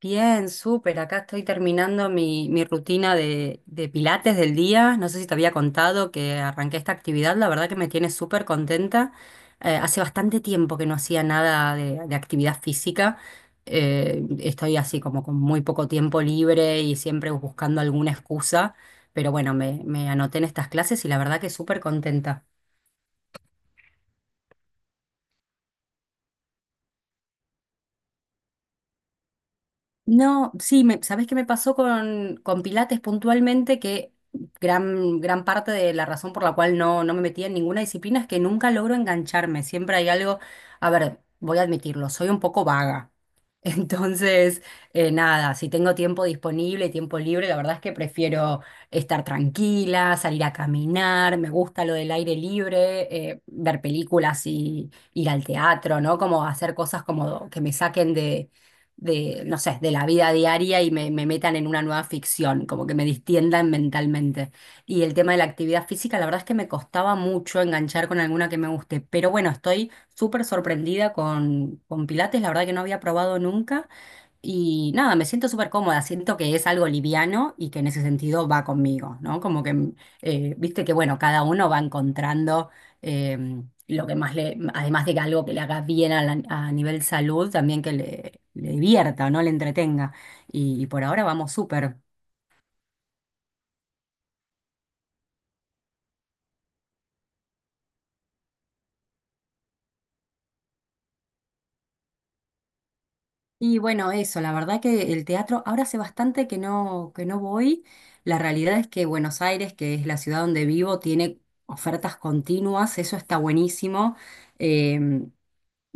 Bien, súper. Acá estoy terminando mi rutina de pilates del día. No sé si te había contado que arranqué esta actividad. La verdad que me tiene súper contenta. Hace bastante tiempo que no hacía nada de actividad física. Estoy así como con muy poco tiempo libre y siempre buscando alguna excusa. Pero bueno, me anoté en estas clases y la verdad que súper contenta. No, sí, me, ¿sabés qué me pasó con Pilates puntualmente? Que gran parte de la razón por la cual no me metía en ninguna disciplina es que nunca logro engancharme. Siempre hay algo, a ver, voy a admitirlo, soy un poco vaga. Entonces, nada, si tengo tiempo disponible, tiempo libre, la verdad es que prefiero estar tranquila, salir a caminar, me gusta lo del aire libre, ver películas y ir al teatro, ¿no? Como hacer cosas como que me saquen de, no sé, de la vida diaria y me metan en una nueva ficción, como que me distiendan mentalmente. Y el tema de la actividad física, la verdad es que me costaba mucho enganchar con alguna que me guste, pero bueno, estoy súper sorprendida con Pilates, la verdad que no había probado nunca. Y nada, me siento súper cómoda, siento que es algo liviano y que en ese sentido va conmigo, ¿no? Como que, viste que, bueno, cada uno va encontrando eh, lo que más le, además de que algo que le haga bien a, a nivel salud, también que le divierta, ¿no? Le entretenga. Y por ahora vamos súper. Y bueno, eso, la verdad que el teatro, ahora hace bastante que que no voy. La realidad es que Buenos Aires, que es la ciudad donde vivo, tiene ofertas continuas, eso está buenísimo. Em,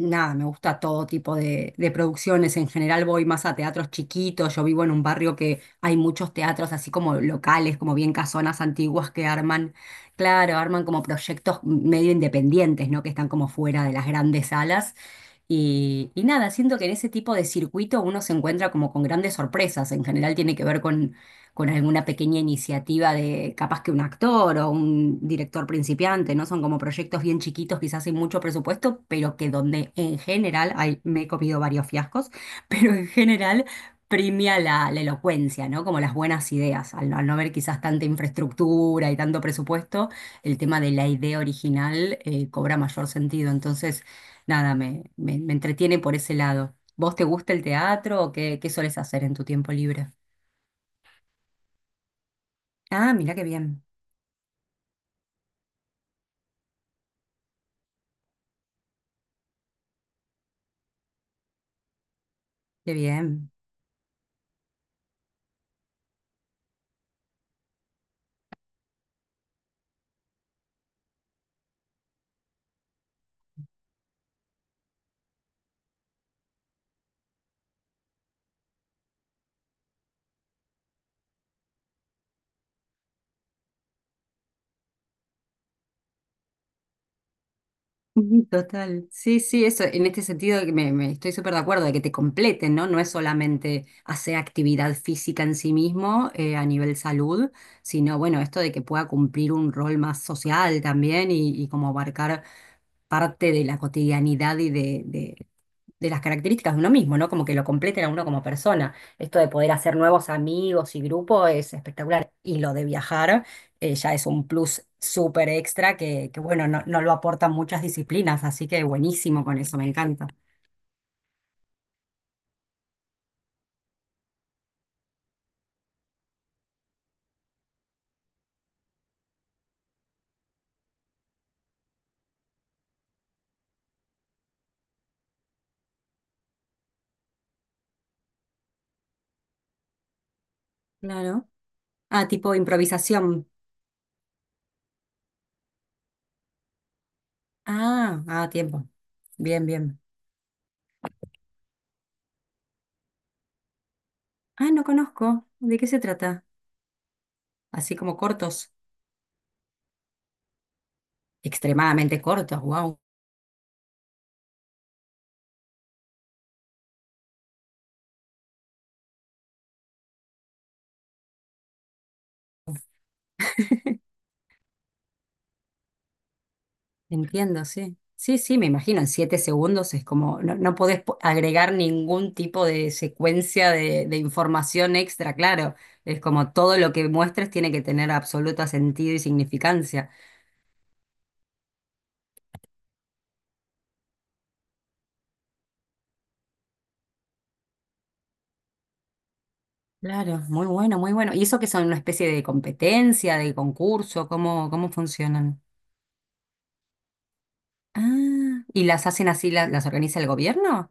Nada, me gusta todo tipo de producciones. En general voy más a teatros chiquitos. Yo vivo en un barrio que hay muchos teatros así como locales, como bien casonas antiguas que arman, claro, arman como proyectos medio independientes, ¿no? Que están como fuera de las grandes salas. Y nada, siento que en ese tipo de circuito uno se encuentra como con grandes sorpresas. En general tiene que ver con alguna pequeña iniciativa de capaz que un actor o un director principiante, ¿no? Son como proyectos bien chiquitos, quizás sin mucho presupuesto, pero que donde en general, ay, me he comido varios fiascos, pero en general premia la elocuencia, ¿no? Como las buenas ideas, al no haber quizás tanta infraestructura y tanto presupuesto, el tema de la idea original cobra mayor sentido. Entonces, nada, me entretiene por ese lado. ¿Vos te gusta el teatro o qué, qué solés hacer en tu tiempo libre? Ah, mira qué bien. Qué bien. Ujú. Total. Sí, sí, eso, en este sentido que me estoy súper de acuerdo de que te completen, ¿no? No es solamente hacer actividad física en sí mismo a nivel salud, sino bueno, esto de que pueda cumplir un rol más social también y como abarcar parte de la cotidianidad y de, de las características de uno mismo, ¿no? Como que lo completen a uno como persona. Esto de poder hacer nuevos amigos y grupo es espectacular. Y lo de viajar ya es un plus súper extra que, bueno, no, no lo aportan muchas disciplinas, así que buenísimo con eso, me encanta. Claro. Ah, tipo improvisación. Ah, ah, tiempo. Bien, bien. Ah, no conozco. ¿De qué se trata? Así como cortos, extremadamente cortos, wow. Entiendo, sí. Sí, sí, me imagino, en siete segundos es como, no, no podés agregar ningún tipo de secuencia de información extra, claro. Es como todo lo que muestres tiene que tener absoluto sentido y significancia. Claro, muy bueno, muy bueno. ¿Y eso que son una especie de competencia, de concurso? ¿Cómo, cómo funcionan? Ah, ¿y las hacen así, las organiza el gobierno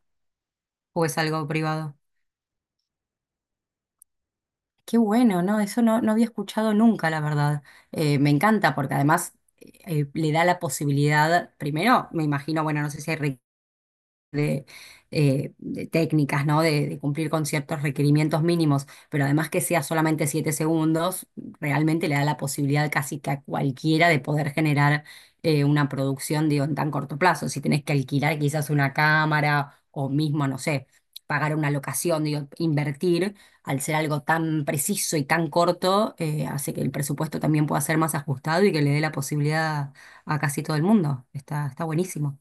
o es algo privado? Qué bueno, ¿no? Eso no, no había escuchado nunca, la verdad. Me encanta porque además le da la posibilidad, primero, me imagino, bueno, no sé si hay de, de técnicas, ¿no? De cumplir con ciertos requerimientos mínimos, pero además que sea solamente 7 segundos, realmente le da la posibilidad casi que a cualquiera de poder generar una producción, digo, en tan corto plazo. Si tenés que alquilar quizás una cámara o mismo, no sé, pagar una locación, digo, invertir, al ser algo tan preciso y tan corto, hace que el presupuesto también pueda ser más ajustado y que le dé la posibilidad a casi todo el mundo. Está, está buenísimo.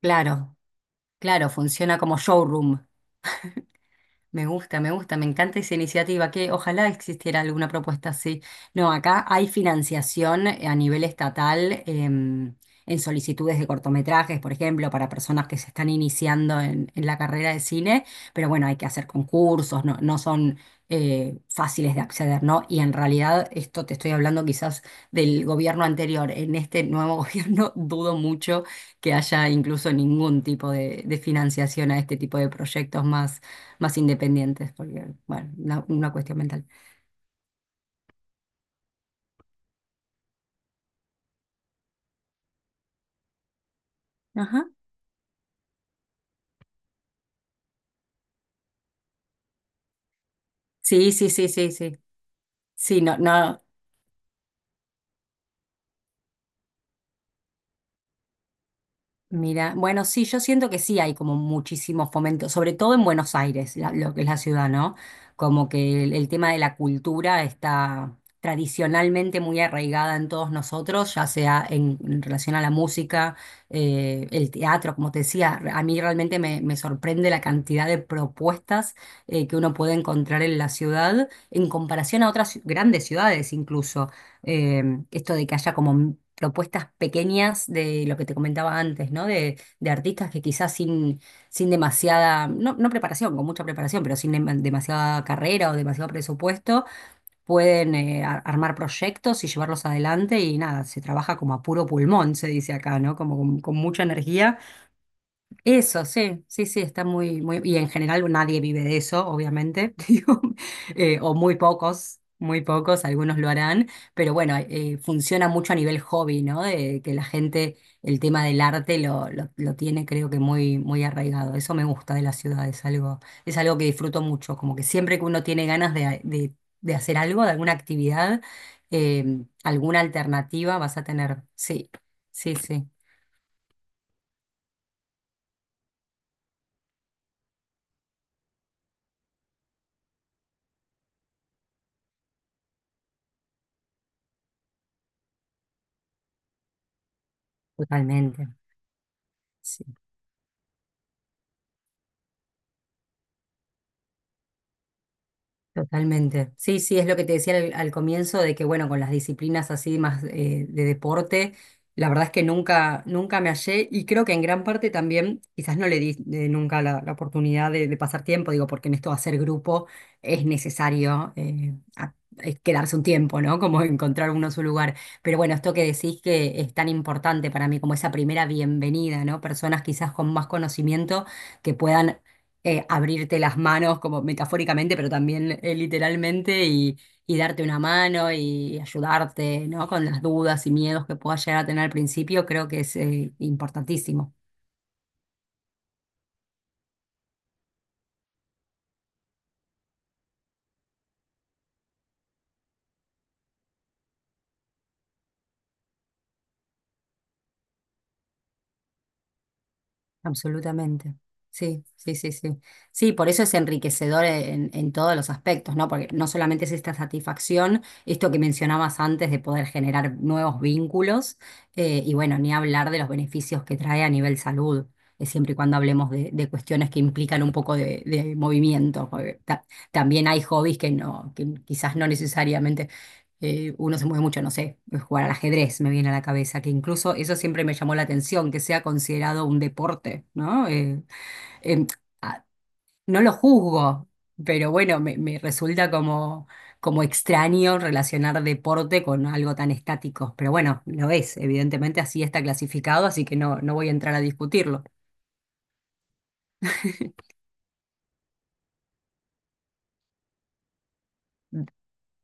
Claro. Claro, funciona como showroom. Me gusta, me gusta, me encanta esa iniciativa, que ojalá existiera alguna propuesta así. No, acá hay financiación a nivel estatal en solicitudes de cortometrajes, por ejemplo, para personas que se están iniciando en la carrera de cine, pero bueno, hay que hacer concursos, no, no son fáciles de acceder, ¿no? Y en realidad, esto te estoy hablando quizás del gobierno anterior, en este nuevo gobierno dudo mucho que haya incluso ningún tipo de financiación a este tipo de proyectos más más independientes, porque, bueno, una cuestión mental. Ajá. Sí, sí, sí, sí, sí. Sí, no, no. Mira, bueno, sí, yo siento que sí hay como muchísimo fomento, sobre todo en Buenos Aires, lo que es la ciudad, ¿no? Como que el tema de la cultura está tradicionalmente muy arraigada en todos nosotros, ya sea en relación a la música, el teatro, como te decía, a mí realmente me, me sorprende la cantidad de propuestas que uno puede encontrar en la ciudad en comparación a otras grandes ciudades incluso eh, esto de que haya como propuestas pequeñas de lo que te comentaba antes, ¿no? De artistas que quizás sin, sin demasiada, no, no preparación, con mucha preparación, pero sin demasiada carrera o demasiado presupuesto, pueden armar proyectos y llevarlos adelante y nada, se trabaja como a puro pulmón, se dice acá, ¿no? Como con mucha energía eso, sí, sí, sí, está muy, muy, y en general nadie vive de eso, obviamente, digo, o muy pocos, algunos lo harán, pero bueno, funciona mucho a nivel hobby, ¿no? De que la gente, el tema del arte lo tiene, creo que muy, muy arraigado. Eso me gusta de la ciudad, es algo que disfruto mucho, como que siempre que uno tiene ganas de hacer algo, de alguna actividad, alguna alternativa vas a tener. Sí, sí, sí, totalmente. Sí. Totalmente. Sí, sí, es lo que te decía al comienzo de que, bueno, con las disciplinas así más de deporte, la verdad es que nunca, nunca me hallé y creo que en gran parte también, quizás no le di nunca la oportunidad de pasar tiempo, digo, porque en esto de hacer grupo es necesario es quedarse un tiempo, ¿no? Como encontrar uno su lugar. Pero bueno, esto que decís que es tan importante para mí, como esa primera bienvenida, ¿no? Personas quizás con más conocimiento que puedan abrirte las manos como metafóricamente, pero también literalmente y darte una mano y ayudarte, ¿no? Con las dudas y miedos que puedas llegar a tener al principio, creo que es importantísimo. Absolutamente. Sí, sí, sí, sí. Sí, por eso es enriquecedor en todos los aspectos, ¿no? Porque no solamente es esta satisfacción, esto que mencionabas antes de poder generar nuevos vínculos, y bueno, ni hablar de los beneficios que trae a nivel salud, siempre y cuando hablemos de cuestiones que implican un poco de movimiento. Porque también hay hobbies que no, que quizás no necesariamente uno se mueve mucho, no sé, jugar al ajedrez me viene a la cabeza, que incluso eso siempre me llamó la atención, que sea considerado un deporte, ¿no? Em, no lo juzgo, pero bueno, me resulta como, como extraño relacionar deporte con algo tan estático, pero bueno, lo es, evidentemente así está clasificado, así que no, no voy a entrar a discutirlo.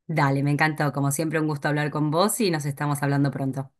Dale, me encantó, como siempre un gusto hablar con vos y nos estamos hablando pronto.